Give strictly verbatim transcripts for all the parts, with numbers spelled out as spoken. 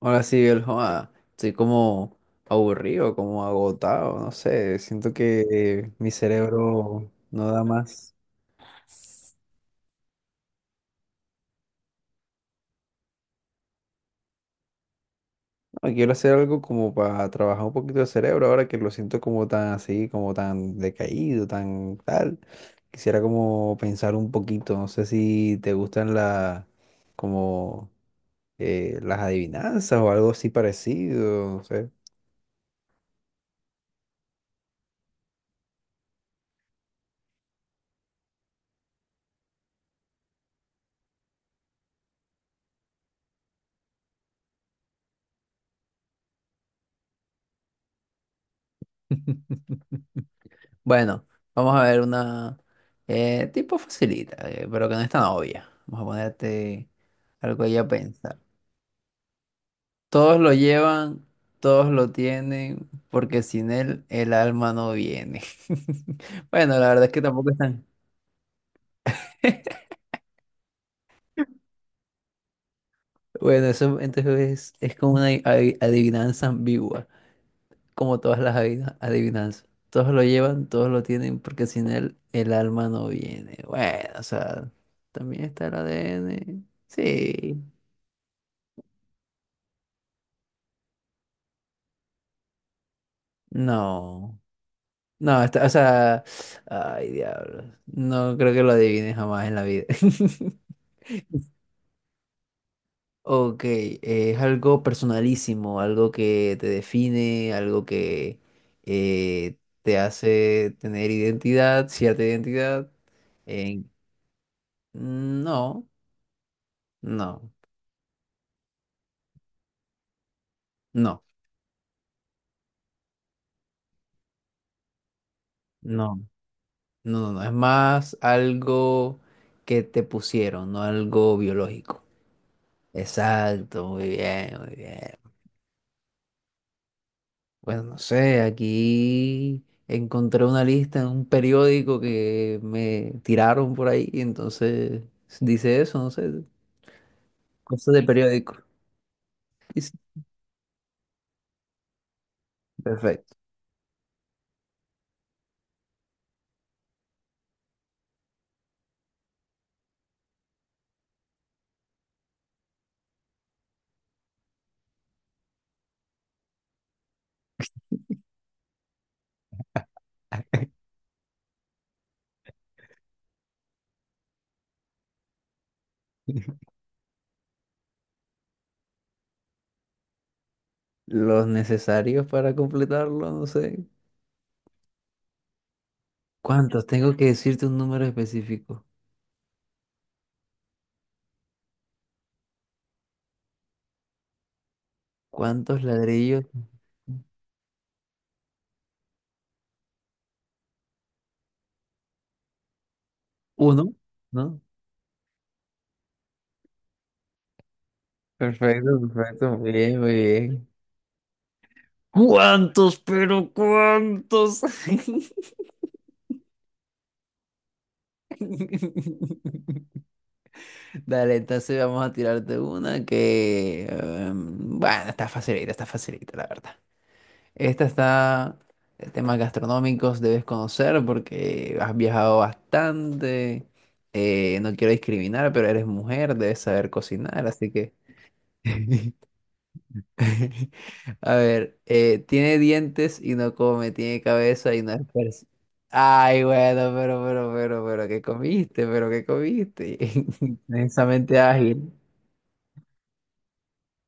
Ahora sí, el joda, estoy como aburrido, como agotado, no sé, siento que eh, mi cerebro no da más. No, quiero hacer algo como para trabajar un poquito el cerebro ahora que lo siento como tan así, como tan decaído, tan tal. Quisiera como pensar un poquito, no sé si te gustan la como eh, las adivinanzas o algo así parecido, no sé. Bueno, vamos a ver una eh, tipo facilita, eh, pero que no es tan obvia. Vamos a ponerte algo ahí a pensar. Todos lo llevan, todos lo tienen, porque sin él el alma no viene. Bueno, la verdad es que tampoco están. Bueno, eso entonces es, es como una adi- adivinanza ambigua, como todas las adivina- adivinanzas. Todos lo llevan, todos lo tienen, porque sin él el alma no viene. Bueno, o sea, también está el A D N. Sí. No, no, está- o sea, ay, diablo. No creo que lo adivine jamás en la vida. Ok, eh, es algo personalísimo, algo que te define, algo que eh, te hace tener identidad, cierta identidad. en- no, no, no, no, no, no, no. Es más algo que te pusieron, no algo biológico. Exacto, muy bien, muy bien. Bueno, no sé, aquí encontré una lista en un periódico que me tiraron por ahí, y entonces dice eso, no sé, cosas de periódico. Dice, perfecto. Los necesarios para completarlo, no sé. ¿Cuántos? Tengo que decirte un número específico. ¿Cuántos ladrillos? Uno, ¿no? Perfecto, perfecto, muy bien, muy bien. ¿Cuántos, pero cuántos? Dale, entonces vamos a tirarte una que, em, bueno, está facilita, está facilita, la verdad. Esta está, eh, temas gastronómicos debes conocer porque has viajado bastante. Eh, no quiero discriminar, pero eres mujer, debes saber cocinar, así que. A ver, eh, tiene dientes y no come, tiene cabeza y no es pers- Ay, bueno, pero, pero, pero, pero, ¿qué comiste? ¿Pero qué comiste? Inmensamente ágil.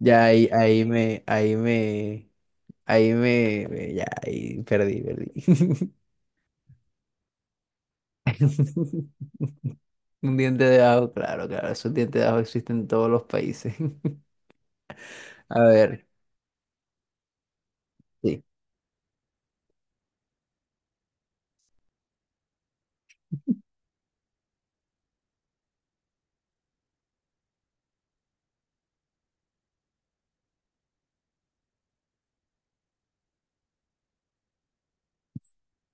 Ya ahí, ahí me, ahí me, ahí me, me- ya ahí perdí, perdí. Un diente de ajo, claro, claro, esos dientes de ajo existen en todos los países. A ver, sí.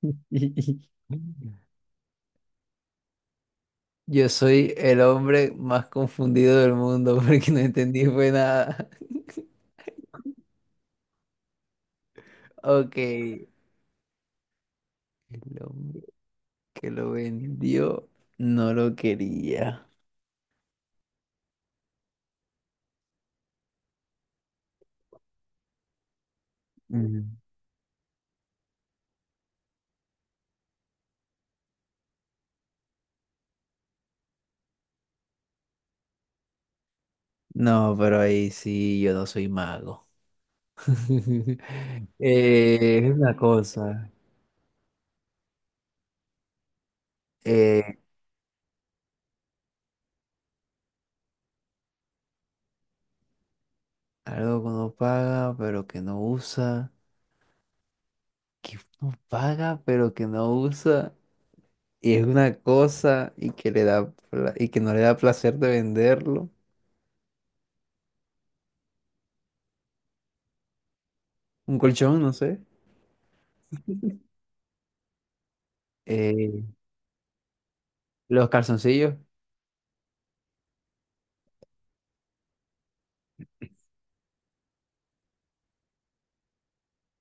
Yo soy el hombre más confundido del mundo porque no entendí fue nada. Ok, el hombre que lo vendió no lo quería. Mm. No, pero ahí sí, yo no soy mago. Eh, es una cosa. eh, Algo que uno paga, pero que no usa. Que uno paga, pero que no usa. Y es una cosa y que le da pla- y que no le da placer de venderlo. Un colchón, no sé. eh, los calzoncillos.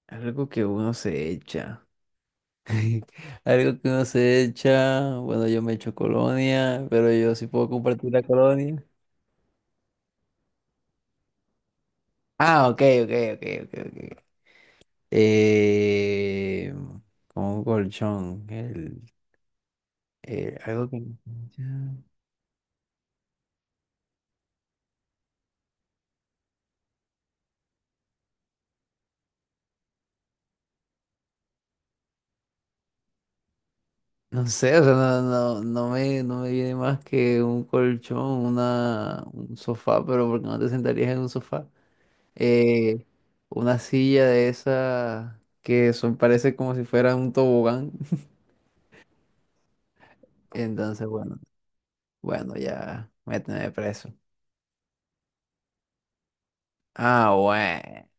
Algo que uno se echa. Algo que uno se echa. Bueno, yo me echo colonia, pero yo sí puedo compartir la colonia. Ah, ok, ok, ok, ok, ok. Eh, Como un colchón. El, eh, algo que. No sé, o sea, no, no, no me, no me viene más que un colchón, una, un sofá, pero porque no te sentarías en un sofá. Eh, una silla de esas que son, parece como si fuera un tobogán. Entonces, bueno, bueno, ya, méteme preso. Ah, bueno.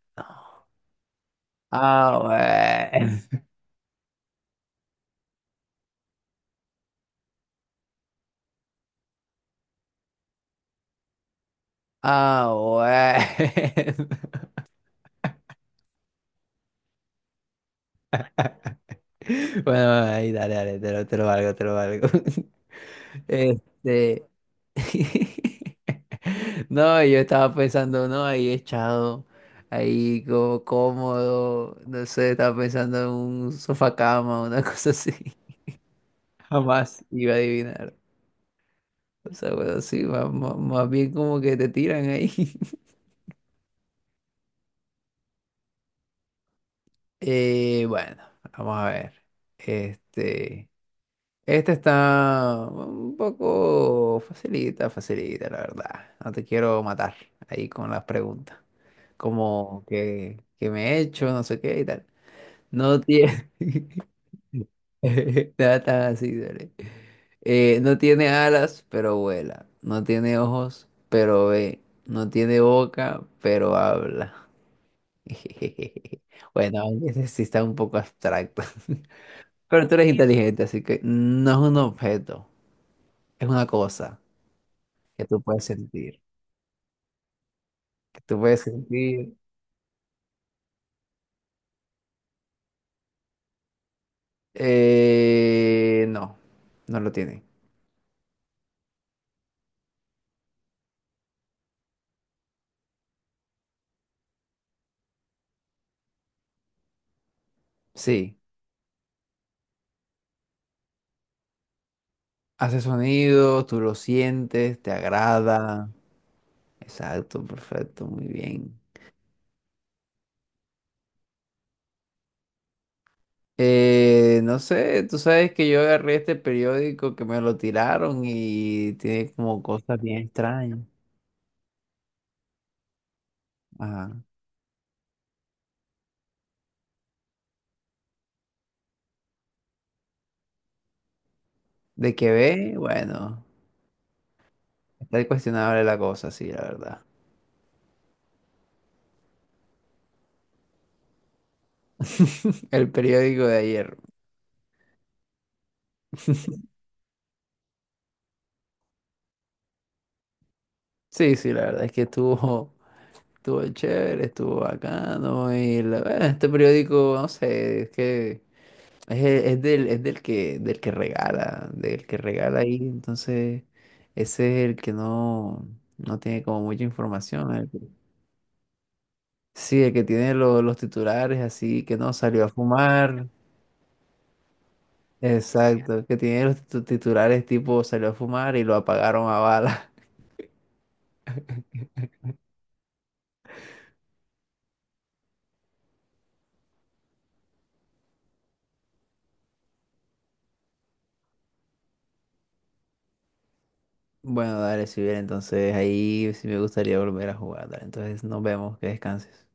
Ah, bueno. Ah, bueno. Bueno, ahí, dale, dale, te lo, te lo valgo, te lo valgo. Este. No, yo estaba pensando, no, ahí echado, ahí como cómodo, no sé, estaba pensando en un sofá cama, una cosa así. Jamás iba a adivinar. O sea, bueno, sí, ma- ma- más, bien como que te tiran ahí. Eh, bueno, vamos a ver. Este. Este está un poco facilita, facilita, la verdad. No te quiero matar ahí con las preguntas. Como que, que me he hecho, no sé qué y tal. No tiene nada tan así, dale. Eh, no tiene alas, pero vuela. No tiene ojos, pero ve. No tiene boca, pero habla. Bueno, ese sí está un poco abstracto. Pero tú eres inteligente, así que no es un objeto, es una cosa. Que tú puedes sentir, que tú puedes sentir. Eh, no, no lo tiene. Sí, hace sonido, tú lo sientes, te agrada. Exacto, perfecto, muy bien. Eh, no sé, tú sabes que yo agarré este periódico que me lo tiraron y tiene como cosas bien extrañas. Ajá. De que ve, bueno, está cuestionable la cosa, sí, la verdad. El periódico de ayer. Sí, sí, la verdad es que estuvo. Estuvo chévere, estuvo bacano. Y la, bueno, este periódico, no sé, es que es, es del, es del que, del que regala, del que regala ahí. Entonces, ese es el que no, no tiene como mucha información. El que- sí, el que tiene lo- los titulares así, que no salió a fumar. Exacto, que tiene los titu- titulares tipo salió a fumar y lo apagaron a bala. Bueno, dale, si bien, entonces ahí sí me gustaría volver a jugar. Dale, entonces nos vemos, que descanses.